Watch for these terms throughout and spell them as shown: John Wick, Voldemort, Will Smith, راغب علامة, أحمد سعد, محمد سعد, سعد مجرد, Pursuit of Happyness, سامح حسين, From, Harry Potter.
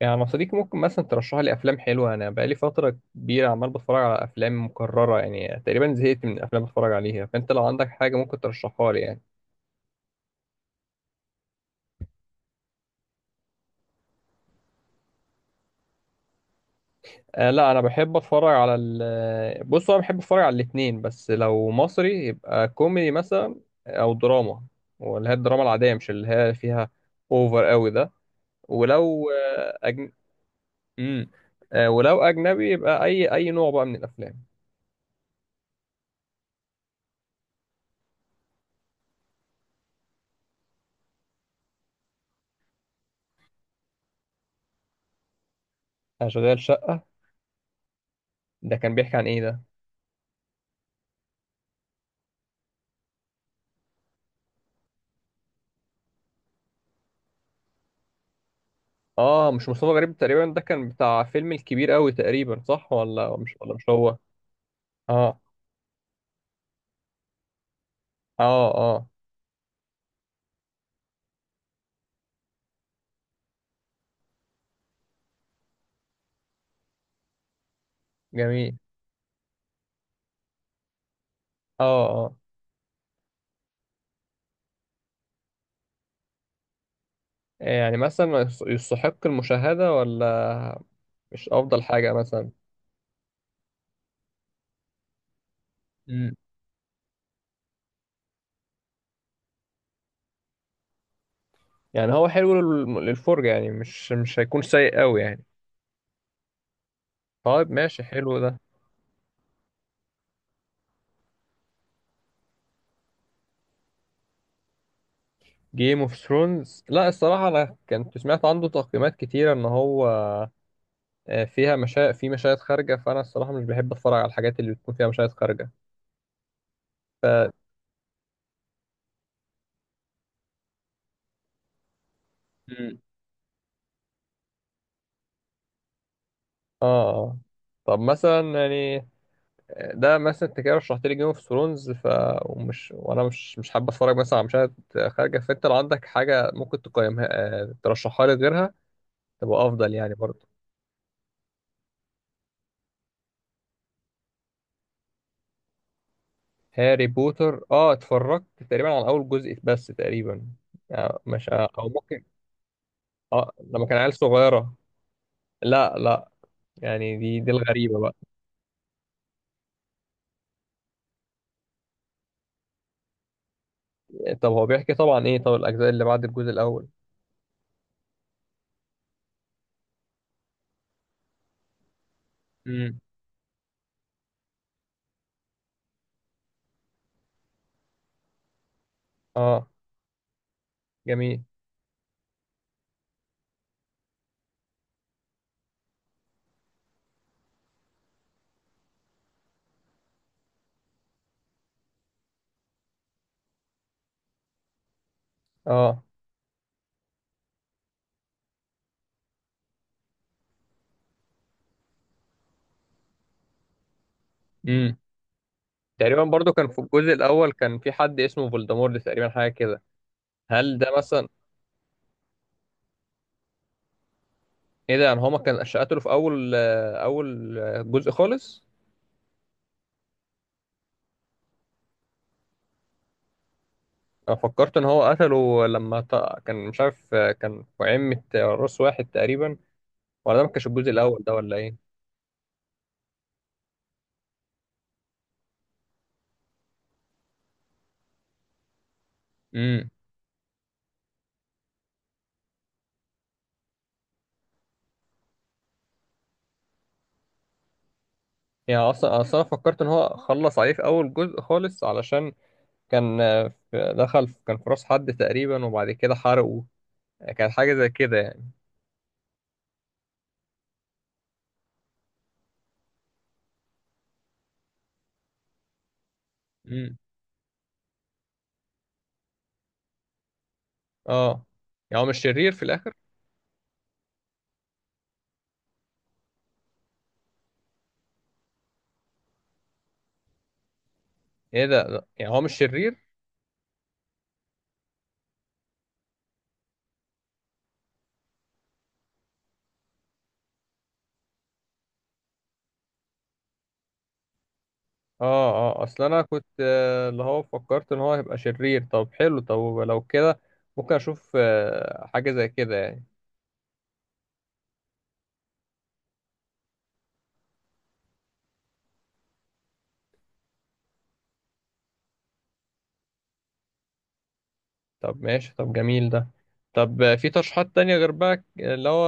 يعني أنا صديقي ممكن مثلا ترشح لي افلام حلوه، انا بقالي فتره كبيره عمال بتفرج على افلام مكرره، يعني تقريبا زهقت من الافلام اللي بتفرج عليها، فانت لو عندك حاجه ممكن ترشحها لي يعني. آه لا، انا بحب اتفرج على ال آه، بص، هو انا بحب اتفرج على الاتنين، بس لو مصري يبقى كوميدي مثلا او دراما، واللي هي الدراما العاديه، مش اللي هي فيها اوفر قوي ده. ولو مم. آه ولو اجنبي يبقى اي نوع بقى من الافلام. اشغال شقه. ده كان بيحكي عن ايه ده؟ اه مش مصطفى غريب تقريبا، ده كان بتاع فيلم الكبير قوي تقريبا، صح ولا مش هو؟ اه. اه. اه. جميل. اه. اه. يعني مثلا ما يستحق المشاهدة ولا، مش افضل حاجة مثلا؟ مم. يعني هو حلو للفرجة، يعني مش هيكون سيء قوي يعني. طيب ماشي، حلو ده. جيم اوف ثرونز، لا الصراحة انا كنت سمعت عنده تقييمات كتيرة ان هو فيها في مشاهد خارجة، فانا الصراحة مش بحب اتفرج على الحاجات اللي بتكون فيها مشاهد خارجة. ف... مم. اه آه. طب مثلا يعني، ده مثلا انت كده رشحت لي جيم اوف ثرونز، ف ومش وانا مش حابب اتفرج مثلا على مشاهد خارجه، فانت لو عندك حاجه ممكن تقيمها، ترشحها لي غيرها تبقى افضل يعني برضه. هاري بوتر، اه اتفرجت تقريبا على اول جزء بس تقريبا، يعني مش او ممكن. اه لما كان عيل صغيره. لا لا، يعني دي الغريبه بقى. طب هو بيحكي طبعا ايه؟ طب الاجزاء اللي بعد الجزء الاول؟ امم. اه. جميل. اه. امم. تقريبا برضو كان في الجزء الاول كان في حد اسمه فولدمورت تقريبا، حاجه كده. هل ده مثلا، ايه ده؟ يعني هو ما كان قتله في اول جزء خالص؟ انا فكرت ان هو قتله لما كان مش عارف، كان في عمة راس واحد تقريبا، ولا ده ما كانش الجزء الاول ده ولا ايه؟ امم. يعني اصلا فكرت ان هو خلص عليه في اول جزء خالص، علشان كان آه، في- دخل في- كان في راس حد تقريبا وبعد كده حرقه، كانت حاجه زي كده يعني. امم. اه يعني هو مش شرير في، ايه ده؟ لا، يعني هو مش شرير. اه. اه. اصل انا كنت، اللي هو فكرت ان هو هيبقى شرير. طب حلو، طب لو كده ممكن اشوف حاجة زي كده يعني. طب ماشي، طب جميل ده. طب في ترشيحات تانية غير بقى اللي هو،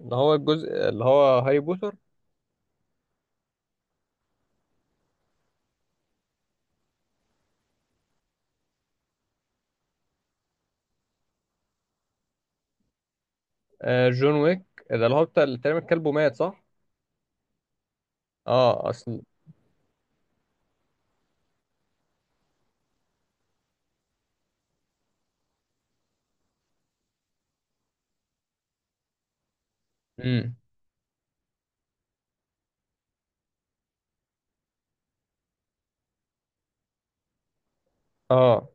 اللي هو الجزء اللي هو هاري بوتر، جون ويك. ده اللي هو بتاع اللي تقريبا كلبه مات صح؟ اه اصل. امم. اه.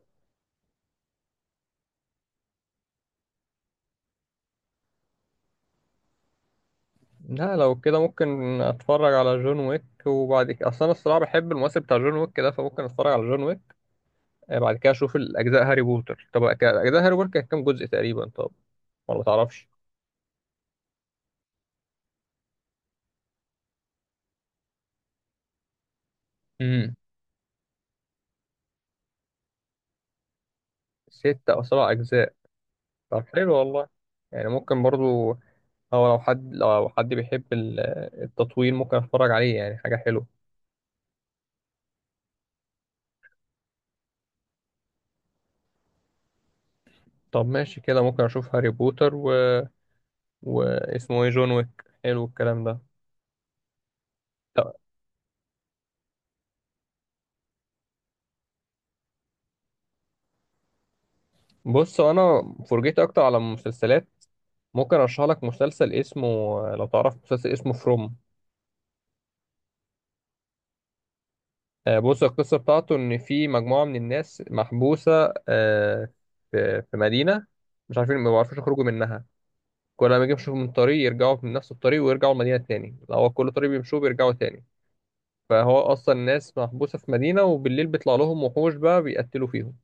لا لو كده ممكن اتفرج على جون ويك، وبعد كده، اصل انا الصراحة بحب الممثل بتاع جون ويك ده، فممكن اتفرج على جون ويك، بعد كده اشوف الاجزاء هاري بوتر. طب اجزاء هاري بوتر كانت كام جزء تقريبا طب؟ ولا تعرفش؟ امم. ستة أو سبع أجزاء. طب حلو والله. يعني ممكن برضو، أو لو حد بيحب التطويل ممكن أتفرج عليه، يعني حاجة حلوة. طب ماشي كده ممكن أشوف هاري بوتر واسمه إيه، جون ويك. حلو الكلام ده. طب بص أنا فرجيت أكتر على المسلسلات، ممكن أرشح لك مسلسل اسمه، لو تعرف مسلسل اسمه فروم، بص القصة بتاعته إن في مجموعة من الناس محبوسة، في مدينة، مش عارفين، ما بيعرفوش يخرجوا منها، كل ما يجي يمشوا من طريق يرجعوا من نفس الطريق ويرجعوا المدينة تاني، لو هو كل طريق بيمشوه بيرجعوا تاني، فهو أصلا الناس محبوسة في مدينة، وبالليل بيطلع لهم وحوش بقى بيقتلوا فيهم.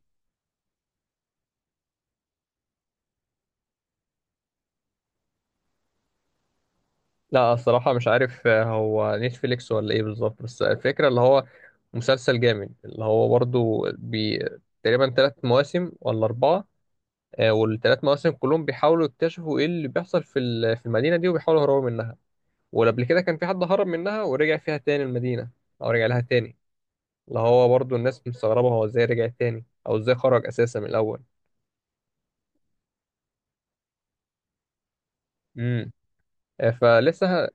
لا الصراحة مش عارف، هو نتفليكس ولا إيه بالظبط، بس الفكرة اللي هو مسلسل جامد، اللي هو برضه تقريبا تلات مواسم ولا أربعة، والثلاث مواسم كلهم بيحاولوا يكتشفوا ايه اللي بيحصل في في المدينه دي، وبيحاولوا يهربوا منها. وقبل كده كان في حد هرب منها ورجع فيها تاني المدينه، او رجع لها تاني، اللي هو برضو الناس مستغربه هو ازاي رجع تاني او ازاي خرج اساسا من الاول. امم. فلسه،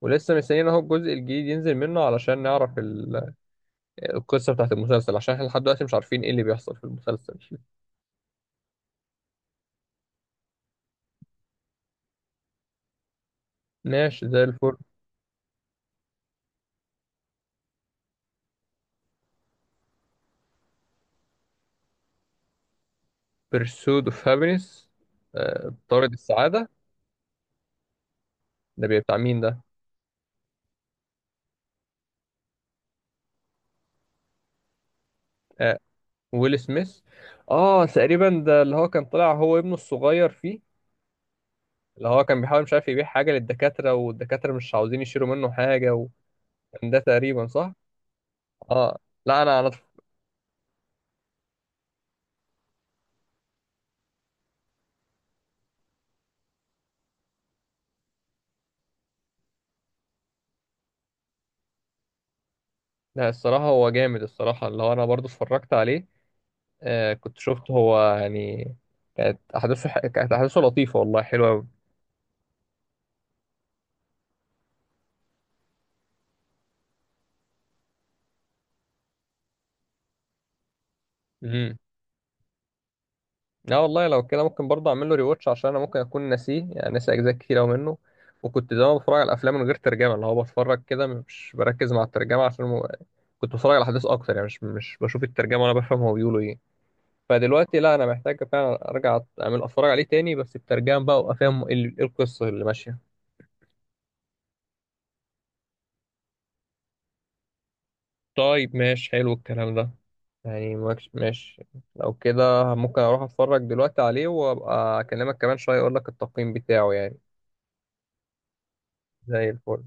ولسه مستنيين اهو الجزء الجديد ينزل منه علشان نعرف القصه بتاعت المسلسل، عشان احنا لحد دلوقتي مش عارفين ايه اللي بيحصل في المسلسل. ماشي زي الفل. بيرسود اوف هابينس. طارد السعاده. ده بيبقى بتاع مين ده؟ آه، ويل سميث. اه تقريبا ده اللي هو كان طلع هو ابنه الصغير فيه، اللي هو كان بيحاول، مش عارف، يبيع حاجة للدكاترة والدكاترة مش عاوزين يشيلوا منه حاجة وكان، ده تقريبا صح؟ اه. لا انا لا، الصراحة هو جامد الصراحة، اللي هو انا برضو اتفرجت عليه، كنت شفت هو يعني، كانت احداثه لطيفة والله، حلوة قوي. امم. لا والله، لو كده ممكن برضه اعمل له ريواتش، عشان انا ممكن اكون ناسيه، يعني ناسي اجزاء كتير قوي منه، وكنت زمان بتفرج على الافلام من غير ترجمه، اللي هو بتفرج كده مش بركز مع الترجمه، عشان كنت بتفرج على احداث اكتر، يعني مش بشوف الترجمه وانا بفهم هو بيقولوا ايه، فدلوقتي لا، انا محتاج فعلا ارجع اعمل اتفرج عليه تاني بس بترجمه بقى، وافهم ايه إيه القصه اللي ماشيه. طيب ماشي حلو الكلام ده. يعني ماشي. لو كده ممكن اروح اتفرج دلوقتي عليه وابقى اكلمك كمان شويه اقول لك التقييم بتاعه يعني. زي الفل.